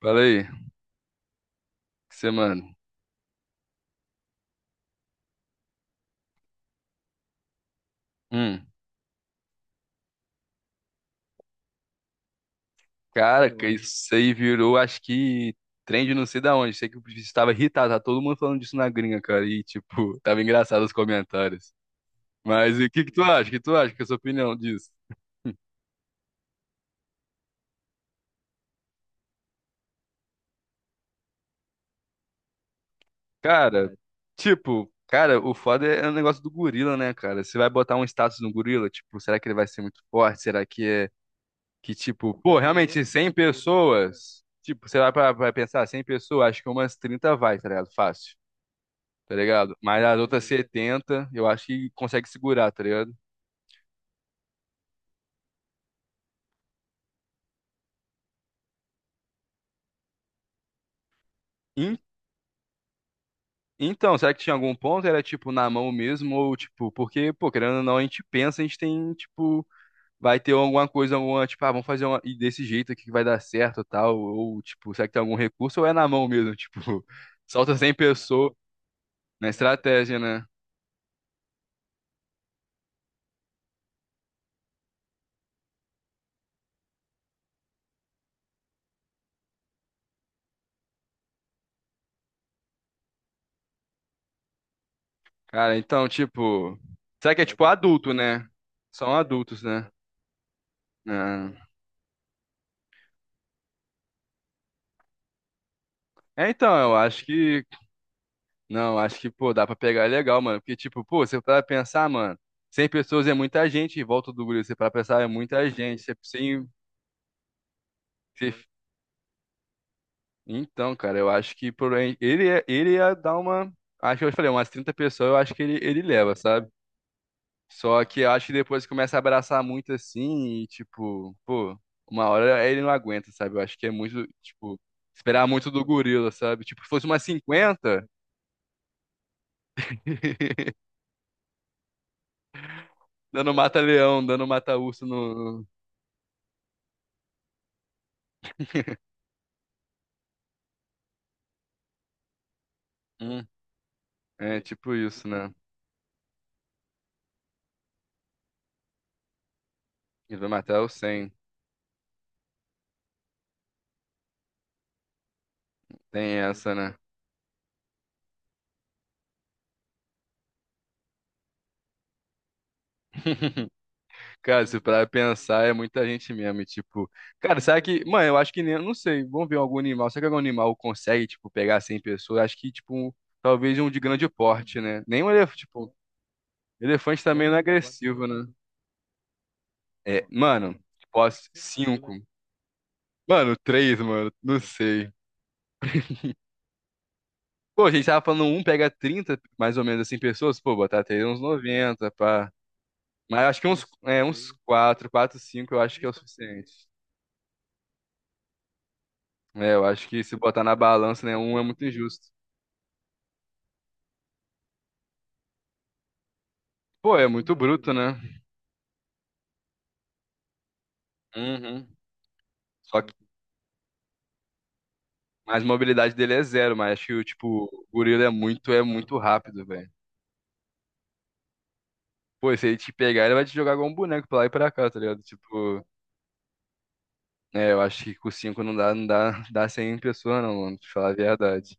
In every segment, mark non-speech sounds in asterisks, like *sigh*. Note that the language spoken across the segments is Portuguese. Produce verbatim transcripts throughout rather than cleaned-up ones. Fala aí, você, mano. Hum, Cara, que Oi. Isso aí virou, acho que trend não sei da onde. Sei que estava irritado, tá todo mundo falando disso na gringa, cara. E, tipo, *laughs* tava engraçado os comentários. Mas e o que que tu acha? O que tu acha? Que é a sua opinião disso? Cara, Ah, tipo, cara, o foda é é o negócio do gorila, né, cara? Você vai botar um status no gorila, tipo, será que ele vai ser muito forte? Será que é que, tipo, pô, realmente cem pessoas, tipo, você vai pra, pra pensar, cem pessoas, acho que umas trinta vai, tá ligado? Fácil. Tá ligado? Mas as outras setenta eu acho que consegue segurar, tá ligado? En- Então, será que tinha algum ponto? Era tipo na mão mesmo, ou tipo, porque, pô, querendo ou não, a gente pensa, a gente tem, tipo, vai ter alguma coisa, alguma, tipo, ah, vamos fazer uma, e desse jeito aqui que vai dar certo e tal, ou tipo, será que tem algum recurso, ou é na mão mesmo, tipo, *laughs* solta cem pessoas na estratégia, né? Cara, então, tipo, será que é tipo adulto, né? São adultos, né? Ah, é, então, eu acho que não, acho que, pô, dá pra pegar legal, mano. Porque, tipo, pô, você para pensar, mano, cem pessoas é muita gente, em volta do grupo, você para pensar, é muita gente. Você, sem, você- então, cara, eu acho que por aí- ele, ia- ele ia dar uma. Acho que eu falei, umas trinta pessoas, eu acho que ele, ele leva, sabe? Só que eu acho que depois começa a abraçar muito assim, e, tipo, pô, uma hora ele não aguenta, sabe? Eu acho que é muito, tipo, esperar muito do gorila, sabe? Tipo, se fosse umas cinquenta *laughs* dando mata-leão, dando mata-urso no. É tipo isso, né? E vai matar o cem. Tem essa, né? Cara, se pra pensar, é muita gente mesmo. E, tipo, cara, será que. Mano, eu acho que nem. Eu não sei. Vamos ver algum animal. Será que algum animal consegue, tipo, pegar cem pessoas? Acho que, tipo, um- talvez um de grande porte, né? Nem um elefante. Tipo, elefante também não é agressivo, né? É, mano, posso. Cinco. Mano, três, mano. Não sei. Pô, a gente tava falando um pega trinta, mais ou menos assim, pessoas. Pô, botar até uns noventa, pá. Mas eu acho que uns, é, uns quatro, quatro, cinco, eu acho que é o suficiente. É, eu acho que se botar na balança, né, um é muito injusto. Pô, é muito bruto, né? Uhum. Só que, mas a mobilidade dele é zero, mas acho que, o tipo, o gorila é muito, é muito rápido, velho. Pô, e se ele te pegar, ele vai te jogar igual um boneco pra lá e pra cá, tá ligado? Tipo, é, eu acho que com cinco não dá, não dá, dá cem pessoas, não, mano, pra te falar a verdade.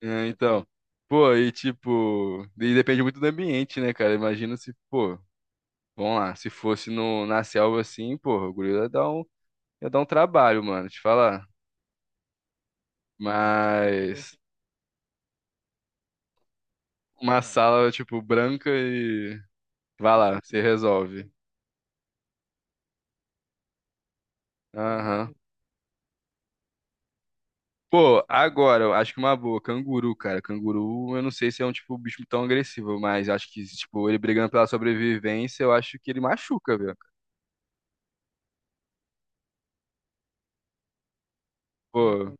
É, então, pô, e tipo, e depende muito do ambiente, né, cara? Imagina se, pô. Vamos lá. Se fosse no, na selva assim, porra, o gorila ia dar um, ia dar um trabalho, mano, te falar. Mas uma sala, tipo, branca e. Vai lá, você resolve. Aham. Pô, agora, eu acho que uma boa, canguru, cara. Canguru, eu não sei se é um tipo bicho tão agressivo, mas acho que, tipo, ele brigando pela sobrevivência, eu acho que ele machuca, velho. Pô.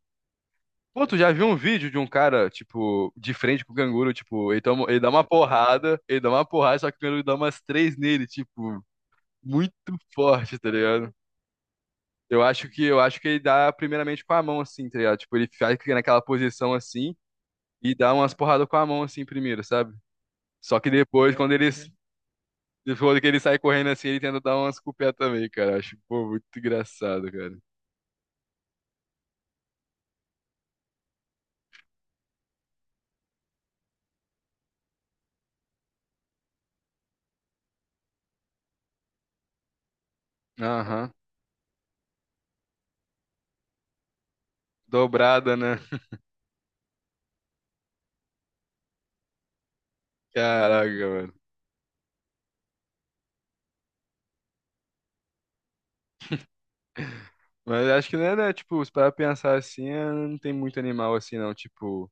Pô, tu já viu um vídeo de um cara, tipo, de frente com o canguru, tipo, ele, toma, ele dá uma porrada, ele dá uma porrada, só que o canguru dá umas três nele, tipo, muito forte, tá ligado? Eu acho que eu acho que ele dá primeiramente com a mão assim, tá ligado? Tipo, ele fica naquela posição assim e dá umas porradas com a mão assim primeiro, sabe? Só que depois quando ele depois que ele sai correndo assim, ele tenta dar umas com o pé também, cara. Eu acho, pô, muito engraçado, cara. Aham. Dobrada, né? Caraca, mano. Mas acho que não é, né, tipo, se parar pra pensar assim, é, não tem muito animal assim, não. Tipo,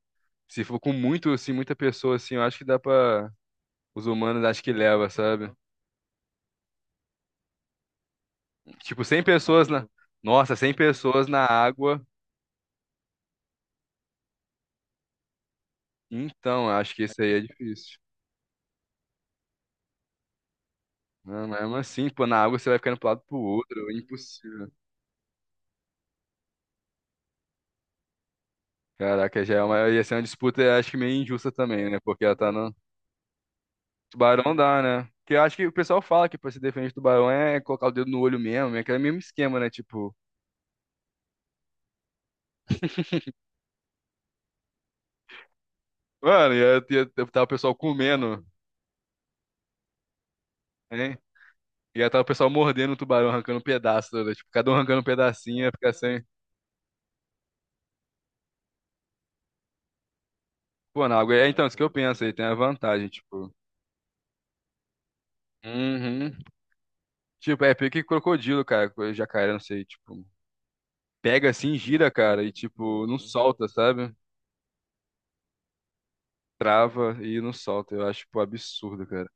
se for com muito, assim, muita pessoa assim, eu acho que dá pra. Os humanos acho que leva, sabe? Tipo, cem pessoas na. Nossa, cem pessoas na água. Então, eu acho que isso aí é difícil. Não, mas mesmo assim, pô, na água você vai ficando pro lado e pro outro, é impossível. Caraca, já é uma, ia ser uma disputa, eu acho que meio injusta também, né? Porque ela tá no. Tubarão dá, né? Porque eu acho que o pessoal fala que pra se defender do tubarão é colocar o dedo no olho mesmo, é aquele mesmo esquema, né? Tipo, mano, ia, ia, ia tá o pessoal comendo, né? Ia tá o pessoal mordendo o tubarão, arrancando um pedaço, né? Tipo, cada um arrancando um pedacinho, ia ficar sem. Pô, na água. É, então, isso que eu penso aí, tem a vantagem, tipo. Uhum. Tipo, é pique crocodilo, cara, coisa de jacaré, não sei, tipo, pega assim, gira, cara, e tipo, não solta, sabe? Trava e não solta. Eu acho, tipo, absurdo, cara.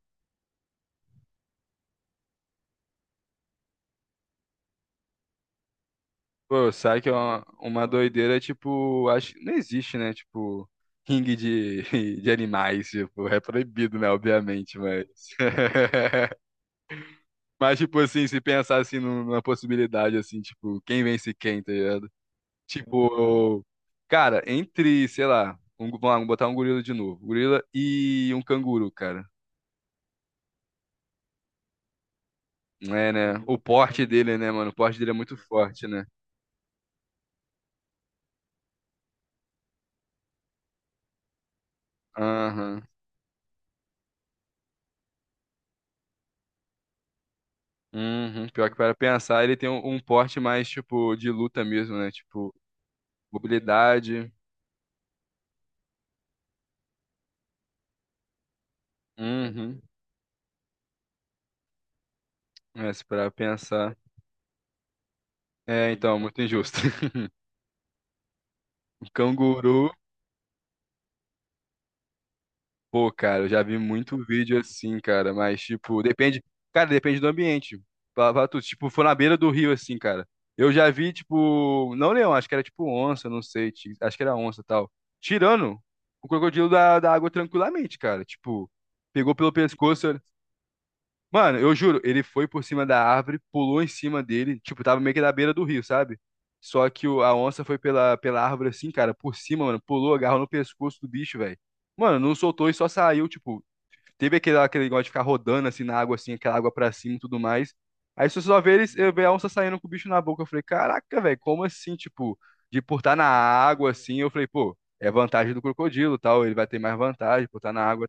Pô, sabe que é uma, uma doideira, tipo, acho que não existe, né? Tipo, ringue de, *laughs* de animais, tipo, é proibido, né? Obviamente, mas. *laughs* Mas, tipo, assim, se pensar assim numa possibilidade, assim, tipo, quem vence quem, tá ligado? Tipo, cara, entre, sei lá, um, vamos lá, vamos botar um gorila de novo. Gorila e um canguru, cara. É, né? O porte dele, né, mano? O porte dele é muito forte, né? Aham. Uhum. Pior que para pensar, ele tem um, um porte mais, tipo, de luta mesmo, né? Tipo, mobilidade. Uhum. É, se parar pensar. É, então, muito injusto. *laughs* O canguru. Pô, cara, eu já vi muito vídeo assim, cara, mas tipo, depende, cara, depende do ambiente. Pra, pra tu, tipo, foi na beira do rio assim, cara. Eu já vi tipo, não leão, acho que era tipo onça, não sei, ti- acho que era onça, e tal. Tirando o crocodilo da, da água tranquilamente, cara. Tipo, pegou pelo pescoço. ele- Mano, eu juro, ele foi por cima da árvore, pulou em cima dele, tipo, tava meio que na beira do rio, sabe? Só que o, a onça foi pela, pela árvore assim, cara, por cima, mano, pulou, agarrou no pescoço do bicho, velho. Mano, não soltou e só saiu, tipo, teve aquele, aquele negócio de ficar rodando assim na água, assim, aquela água pra cima e tudo mais. Aí se você só vê eles, eu vi a onça saindo com o bicho na boca. Eu falei, caraca, velho, como assim, tipo, de por estar na água assim? Eu falei, pô, é vantagem do crocodilo, tal, ele vai ter mais vantagem por estar na água.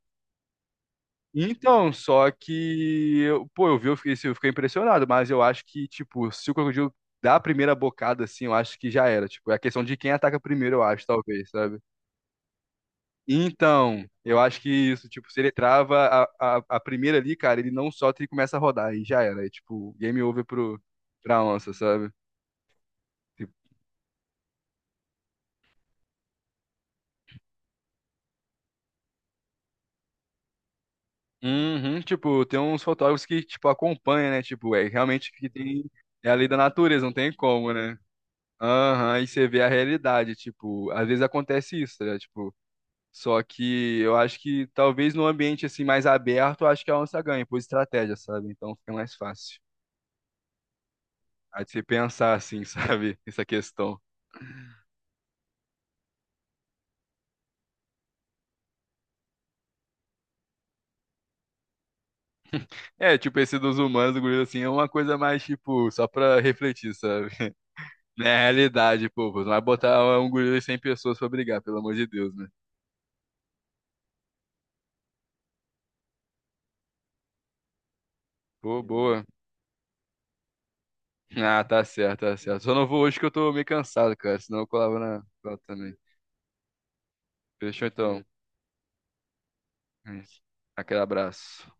Então, só que, eu, pô, eu vi, eu fiquei, assim, eu fiquei impressionado, mas eu acho que, tipo, se o crocodilo dá a primeira bocada assim, eu acho que já era. Tipo, é a questão de quem ataca primeiro, eu acho, talvez, sabe? Então, eu acho que isso, tipo, se ele trava a, a, a primeira ali, cara, ele não solta e começa a rodar, e já era. É tipo, game over pro, pra onça, sabe? Tipo, uhum, tipo, tem uns fotógrafos que, tipo, acompanham, né? Tipo, é realmente que tem. É a lei da natureza, não tem como, né? Aham, e você vê a realidade, tipo, às vezes acontece isso, né? Tipo, só que eu acho que talvez num ambiente assim mais aberto, eu acho que a onça ganha por estratégia, sabe? Então fica mais fácil. Aí de você pensar assim, *laughs* sabe? Essa questão. É, tipo, esse dos humanos, do gorila, assim, é uma coisa mais, tipo, só pra refletir, sabe? *laughs* Na realidade, pô, pô, não vai botar um gorila e cem pessoas pra brigar, pelo amor de Deus, né? Pô, boa. Ah, tá certo, tá certo. Só não vou hoje que eu tô meio cansado, cara, senão eu colava na... colava também. Fechou, então. É isso. Aquele abraço.